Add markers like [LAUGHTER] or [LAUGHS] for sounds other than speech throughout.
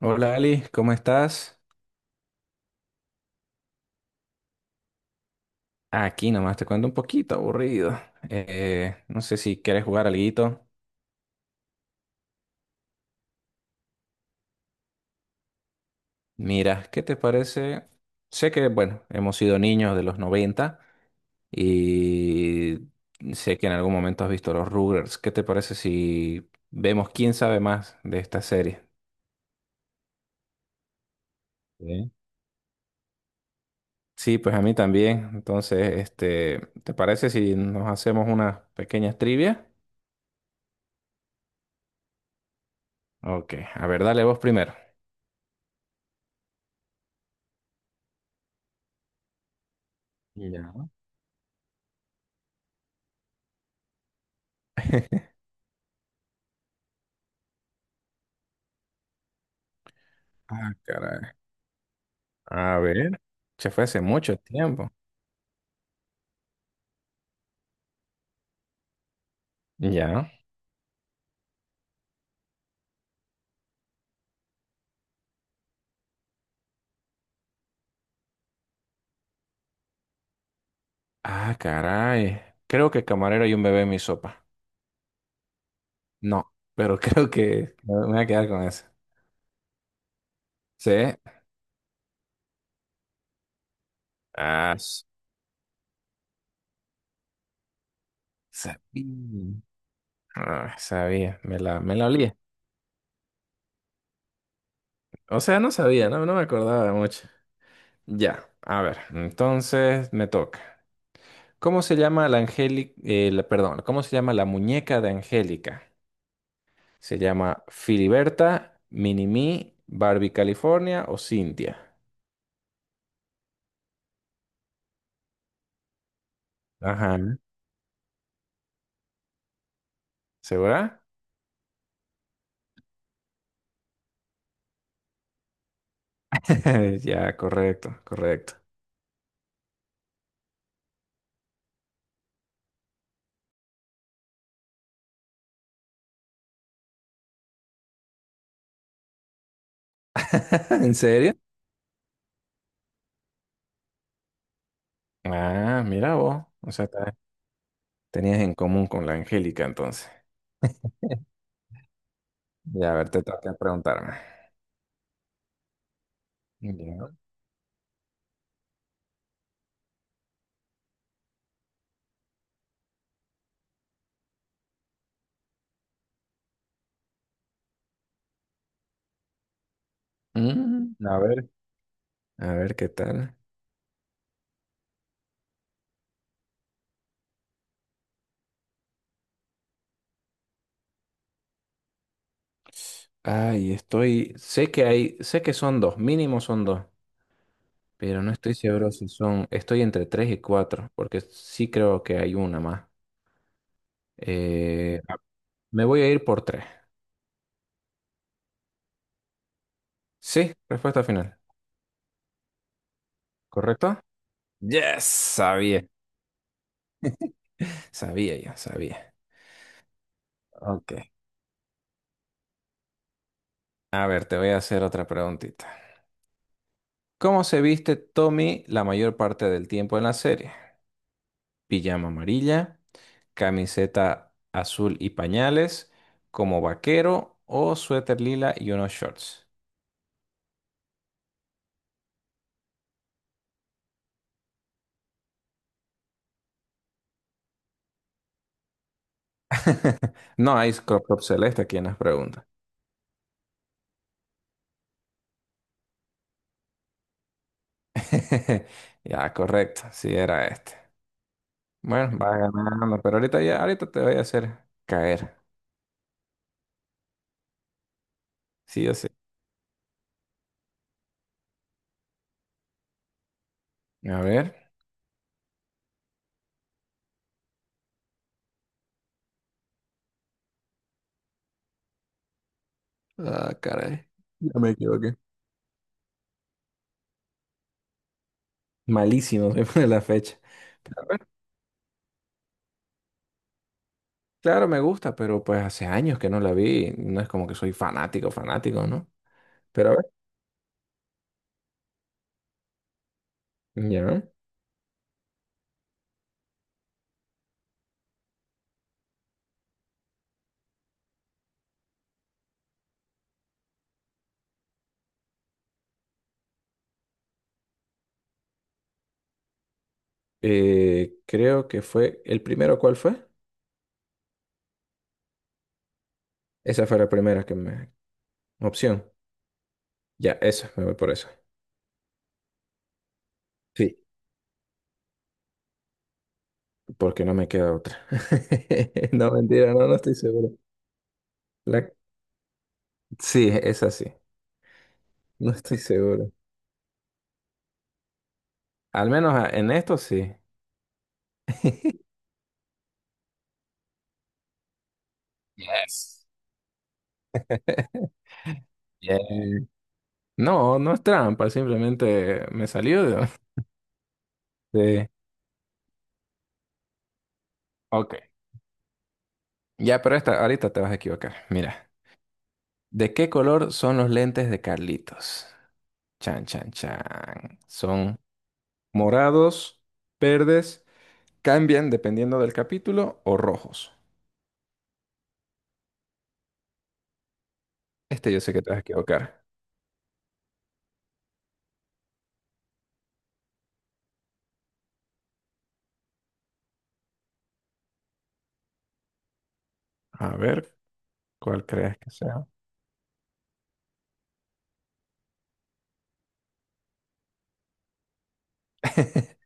Hola Ali, ¿cómo estás? Aquí nomás te cuento, un poquito aburrido. No sé si quieres jugar alguito. Mira, ¿qué te parece? Sé que, bueno, hemos sido niños de los 90 y sé que en algún momento has visto los Rugrats. ¿Qué te parece si vemos quién sabe más de esta serie? Sí. Sí, pues a mí también. Entonces, ¿te parece si nos hacemos unas pequeñas trivias? Ok, a ver, dale vos primero. Ya. Ah, caray. A ver, se fue hace mucho tiempo. Ya. Ah, caray. Creo que camarero y un bebé en mi sopa. No, pero [LAUGHS] creo que me voy a quedar con eso. Sí. Ah, sabía. Ah, sabía, me la olía. O sea, no sabía, no, no me acordaba mucho. Ya, a ver, entonces me toca. ¿Cómo se llama la Angélica, perdón, ¿cómo se llama la muñeca de Angélica? ¿Se llama Filiberta, Minimi, Barbie California o Cintia? Ajá. ¿Segura? [LAUGHS] Ya, correcto, correcto. [LAUGHS] ¿En serio? Ah, mira vos. O sea, tenías en común con la Angélica entonces. Ya, a ver, te toca preguntarme. Ya. A ver, a ver qué tal. Ay, estoy. Sé que hay, sé que son dos, mínimo son dos, pero no estoy seguro si son. Estoy entre tres y cuatro, porque sí creo que hay una más. Eh, Me voy a ir por tres. Sí, respuesta final. ¿Correcto? Yes, sabía. Sabía yo, sabía. Ok. A ver, te voy a hacer otra preguntita. ¿Cómo se viste Tommy la mayor parte del tiempo en la serie? Pijama amarilla, camiseta azul y pañales, como vaquero, o suéter lila y unos shorts. [LAUGHS] No hay crop top celeste aquí en las preguntas. [LAUGHS] Ya, correcto, sí era este. Bueno, va ganando, pero ahorita ya, ahorita te voy a hacer caer. Sí o sí. A ver. Ah, caray. Ya me equivoqué. Malísimo soy [LAUGHS] de la fecha. Pero, a ver, claro, me gusta, pero pues hace años que no la vi. No es como que soy fanático, fanático, ¿no? Pero a ver, ya. Creo que fue el primero, ¿cuál fue? Esa fue la primera que me... opción. Ya, eso, me voy por eso. Sí. Porque no me queda otra. [LAUGHS] No, mentira, no, no estoy seguro. La- Sí, es así. No estoy seguro. Al menos en esto sí. [LAUGHS] Yes. Yes. No, no es trampa, simplemente me salió de... [LAUGHS] Sí. Ok. Ya, pero esta, ahorita te vas a equivocar. Mira, ¿de qué color son los lentes de Carlitos? Chan, chan, chan. ¿Son morados, verdes, cambian dependiendo del capítulo o rojos? Este yo sé que te vas a equivocar. A ver, ¿cuál crees que sea? [LAUGHS]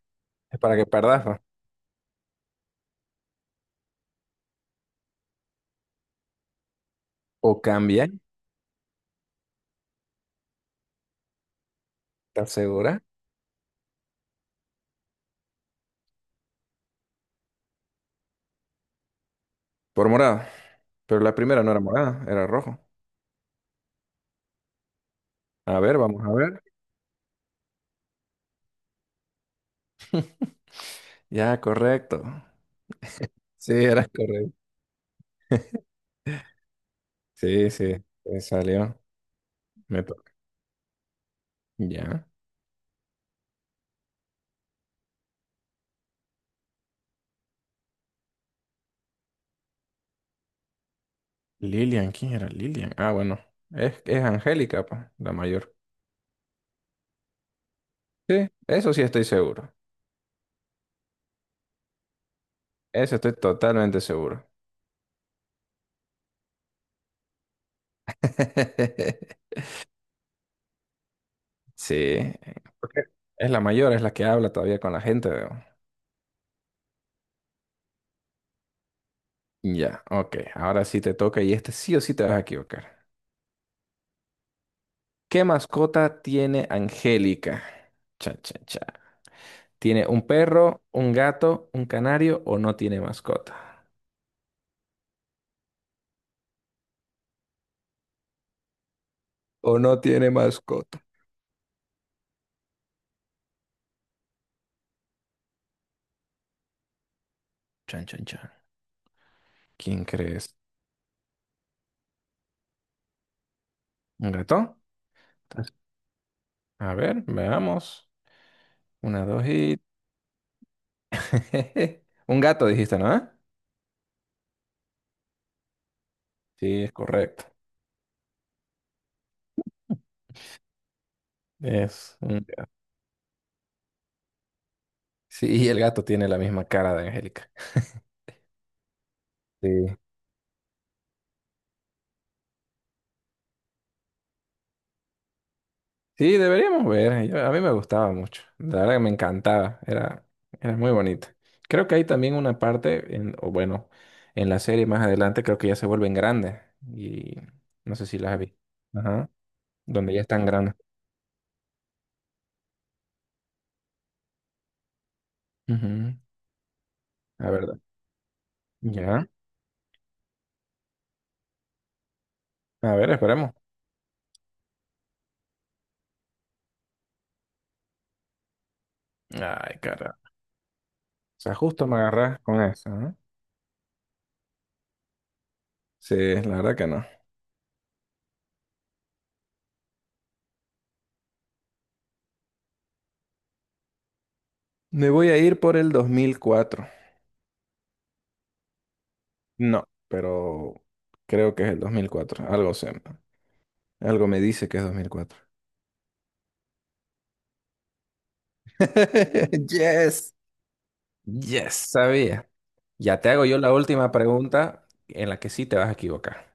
Es para que perdas, ¿no? O cambian, ¿estás segura? Por morado. Pero la primera no era morada, era rojo. A ver, vamos a ver. Ya, correcto. Sí, eras correcto. Sí, sí, me salió. Me toca. Ya. Lilian, ¿quién era Lilian? Ah, bueno, es Angélica, pa, la mayor. Sí, eso sí estoy seguro. Eso estoy totalmente seguro. [LAUGHS] Sí, porque es la mayor, es la que habla todavía con la gente. Veo. Ya, ok, ahora sí te toca y este sí o sí te vas a equivocar. ¿Qué mascota tiene Angélica? Cha, cha, cha. ¿Tiene un perro, un gato, un canario o no tiene mascota? ¿O no tiene mascota? Chan, chan, chan. ¿Quién crees? ¿Un gato? A ver, veamos. Una, dos y... [LAUGHS] Un gato dijiste, ¿no? ¿Ah? Sí, es correcto. Es un gato. Sí, y el gato tiene la misma cara de Angélica. Sí. Sí, deberíamos ver. Yo- a mí me gustaba mucho. La verdad que me encantaba. Era, era muy bonita. Creo que hay también una parte, en, o bueno, en la serie más adelante creo que ya se vuelven grandes. Y no sé si las vi. Ajá. Donde ya están grandes. Ujú. La verdad. Ya. A ver, esperemos. Ay, cara. O sea, justo me agarras con eso, ¿no? Sí, la verdad que no. Me voy a ir por el 2004. No, pero creo que es el 2004. Algo sé, ¿no? Algo me dice que es 2004. [LAUGHS] Yes. Yes, sabía. Ya te hago yo la última pregunta en la que sí te vas a equivocar.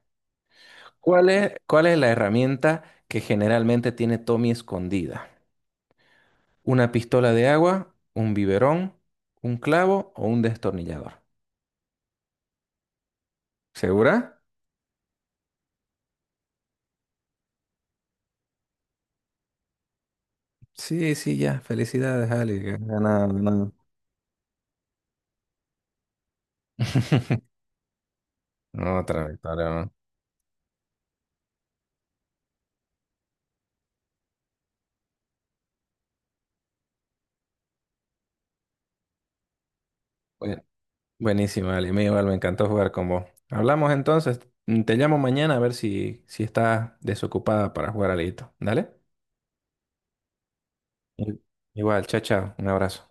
¿Cuál es la herramienta que generalmente tiene Tommy escondida? Una pistola de agua, un biberón, un clavo o un destornillador. ¿Segura? Sí, sí, ya. Felicidades, Ali, que has ganado, ganado. [LAUGHS] Otra victoria, ¿no? Bueno, buenísima, Ale. Me, igual me encantó jugar con vos. Hablamos entonces. Te llamo mañana a ver si, si estás desocupada para jugar alito. ¿Dale? Sí. Igual, chao, chao. Un abrazo.